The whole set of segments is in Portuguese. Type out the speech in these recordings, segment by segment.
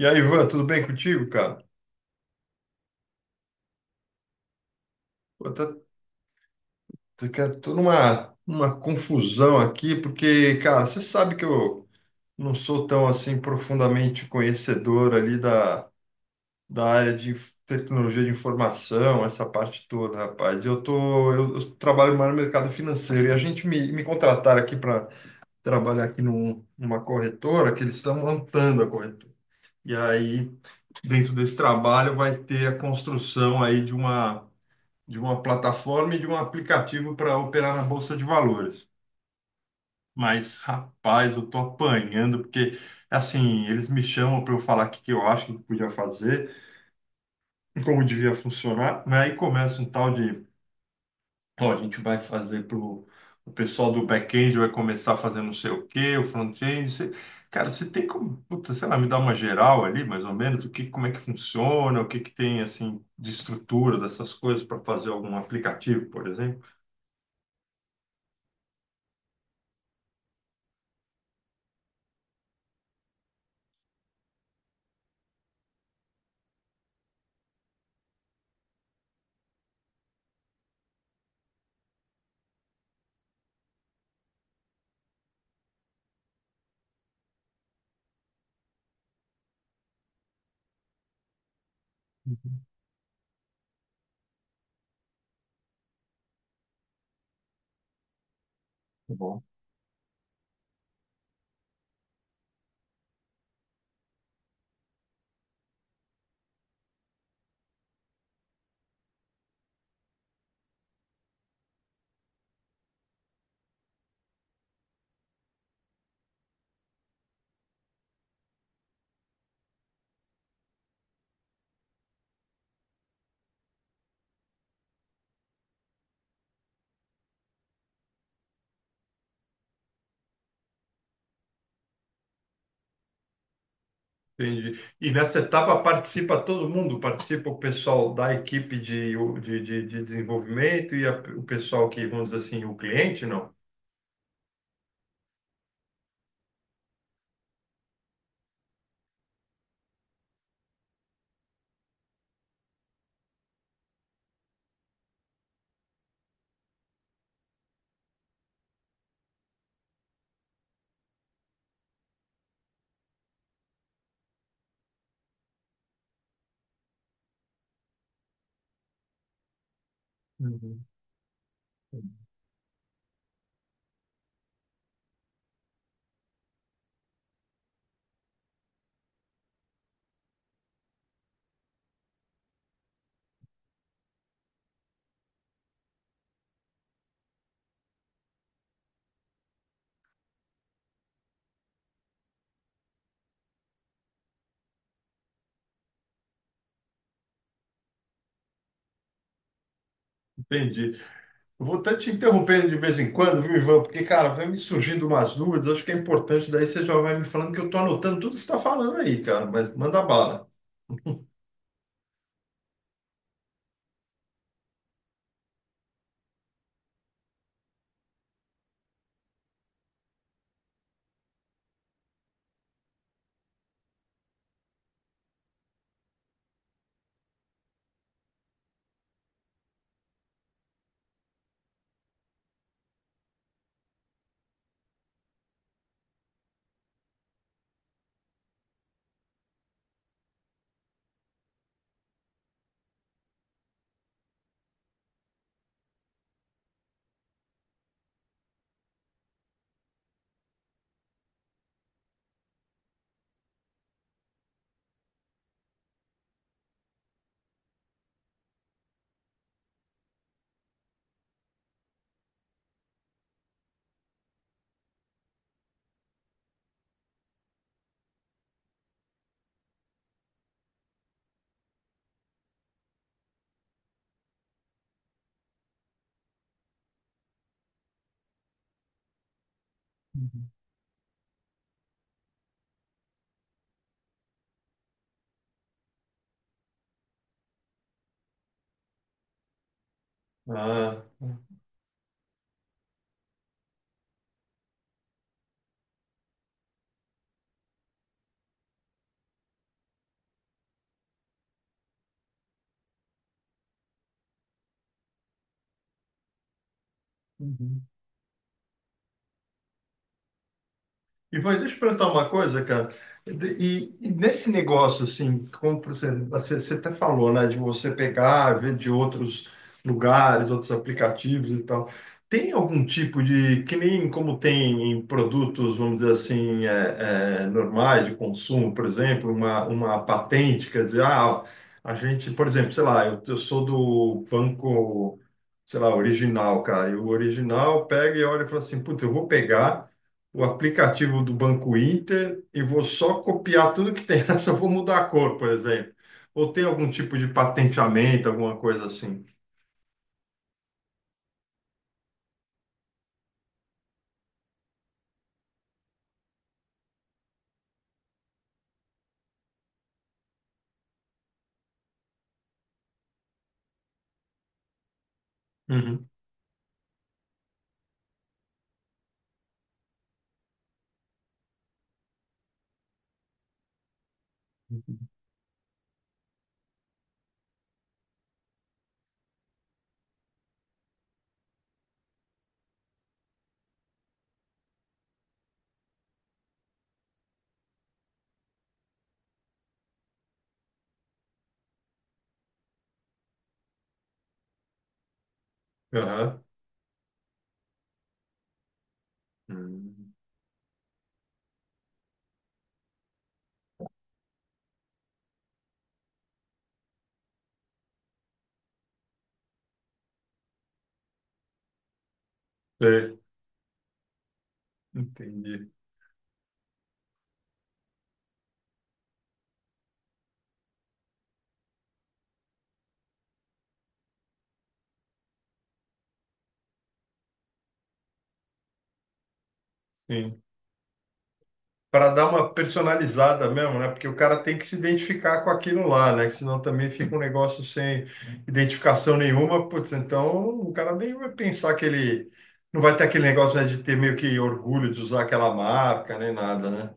E aí, Ivan, tudo bem contigo, cara? Pô, tá, cara, tô numa confusão aqui, porque, cara, você sabe que eu não sou tão, assim, profundamente conhecedor ali da área de tecnologia de informação, essa parte toda, rapaz. Eu tô, eu trabalho mais no mercado financeiro e a gente me contrataram aqui para trabalhar aqui numa corretora que eles estão montando a corretora. E aí, dentro desse trabalho, vai ter a construção aí de uma plataforma e de um aplicativo para operar na bolsa de valores. Mas, rapaz, eu tô apanhando, porque, assim, eles me chamam para eu falar o que que eu acho que podia fazer, como devia funcionar, né? Aí começa um tal de, ó, a gente vai fazer pro o pessoal do back-end vai começar a fazer não sei o quê, o front-end, cara, você tem como, puta, sei lá, me dar uma geral ali, mais ou menos, do que, como é que funciona, o que que tem, assim, de estrutura dessas coisas para fazer algum aplicativo, por exemplo? Uhum. Tá bom. Entendi. E nessa etapa participa todo mundo? Participa o pessoal da equipe de desenvolvimento e o pessoal que, vamos dizer assim, o cliente, não? Uhum. Entendi. Eu vou até te interrompendo de vez em quando, viu, Ivan? Porque, cara, vai me surgindo umas dúvidas, acho que é importante, daí você já vai me falando que eu tô anotando tudo que você está falando aí, cara, mas manda bala. Uhum. Ah. Uhum. E vai, deixa eu perguntar uma coisa, cara. E nesse negócio, assim, como você até falou, né, de você pegar, ver de outros lugares, outros aplicativos e tal, tem algum tipo de, que nem como tem em produtos, vamos dizer assim, normais de consumo, por exemplo, uma patente, quer dizer, ah, a gente, por exemplo, sei lá, eu sou do banco, sei lá, original, cara, e o original pega e olha e fala assim, putz, eu vou pegar o aplicativo do Banco Inter e vou só copiar tudo que tem nessa, vou mudar a cor, por exemplo. Ou tem algum tipo de patenteamento, alguma coisa assim. Uhum. Aham. Hum. É, entendi. Sim. Para dar uma personalizada mesmo, né? Porque o cara tem que se identificar com aquilo lá, né? Que senão também fica um negócio sem identificação nenhuma. Putz, então o cara nem vai pensar que ele. Não vai ter aquele negócio, né, de ter meio que orgulho de usar aquela marca, nem nada, né?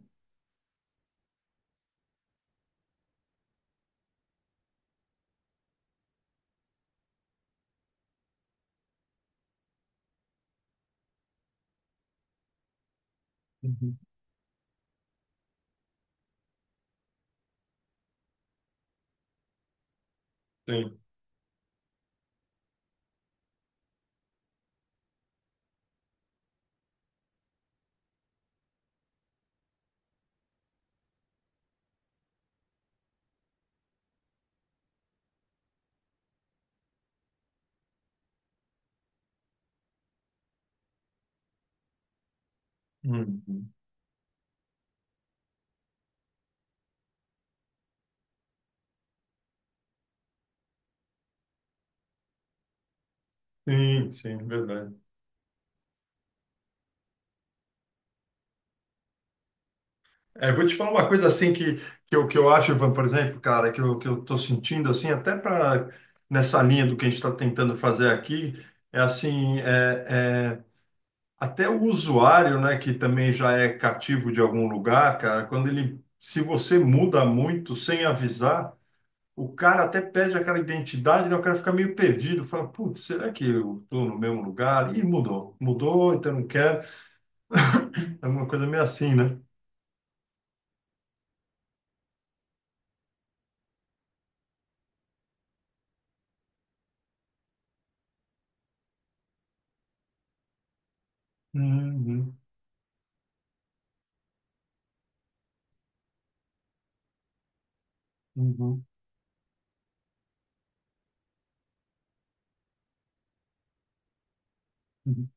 Uhum. Sim. Uhum. Sim, sim, verdade. É, vou te falar uma coisa assim que eu acho, Ivan, por exemplo, cara, que eu tô sentindo assim, até para nessa linha do que a gente está tentando fazer aqui, é assim, até o usuário, né, que também já é cativo de algum lugar, cara, quando ele, se você muda muito sem avisar, o cara até perde aquela identidade, né, o cara fica meio perdido, fala, putz, será que eu tô no mesmo lugar? Ih, mudou, mudou, então não quero, é uma coisa meio assim, né? Uhum, uhum, uhum,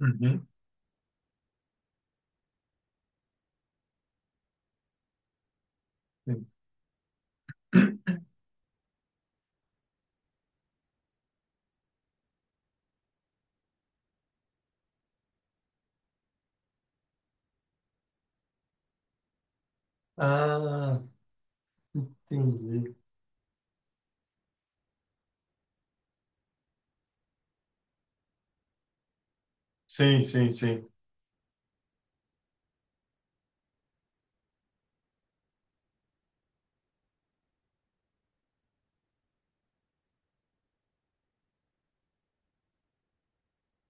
uhum, sim. Ah, entendi. Sim, sim, sim.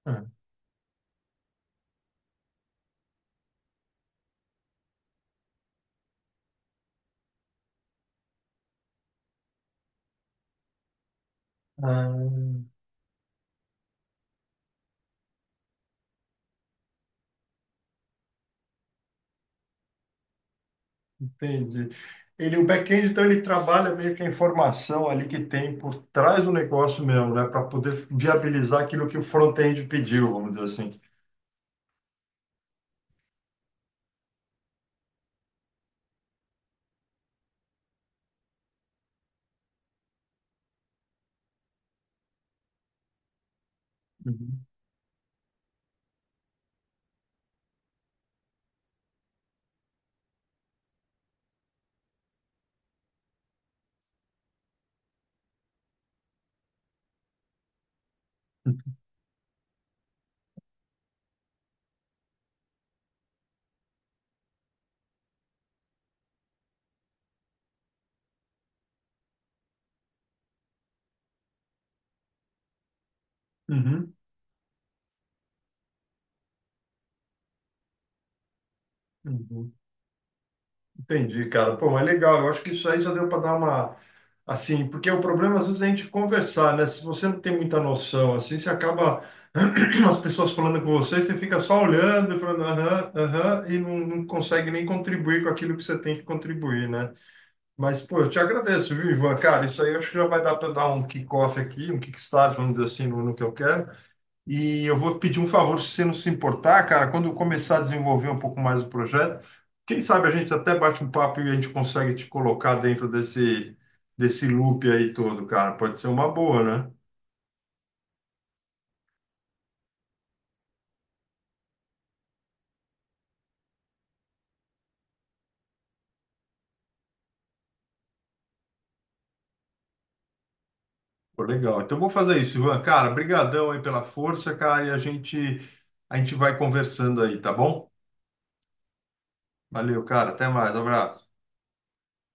Ah, ah, entendi. Ele, o back-end, então, ele trabalha meio que a informação ali que tem por trás do negócio mesmo, né? Para poder viabilizar aquilo que o front-end pediu, vamos dizer assim. Uhum, uhum, uhum. Entendi, cara. Pô, mas legal. Eu acho que isso aí já deu para dar uma. Assim, porque o problema às vezes é a gente conversar, né? Se você não tem muita noção, assim, você acaba. As pessoas falando com você, você fica só olhando, e falando aham, aham, e não, não consegue nem contribuir com aquilo que você tem que contribuir, né? Mas, pô, eu te agradeço, viu, Ivan? Cara, isso aí eu acho que já vai dar para dar um kick-off aqui, um kickstart, vamos dizer assim, no, no que eu quero. E eu vou pedir um favor, se você não se importar, cara, quando eu começar a desenvolver um pouco mais o projeto, quem sabe a gente até bate um papo e a gente consegue te colocar dentro desse, desse loop aí todo, cara. Pode ser uma boa, né? Pô, legal. Então eu vou fazer isso, Ivan. Cara, brigadão aí pela força, cara, e a gente vai conversando aí, tá bom? Valeu, cara. Até mais. Abraço.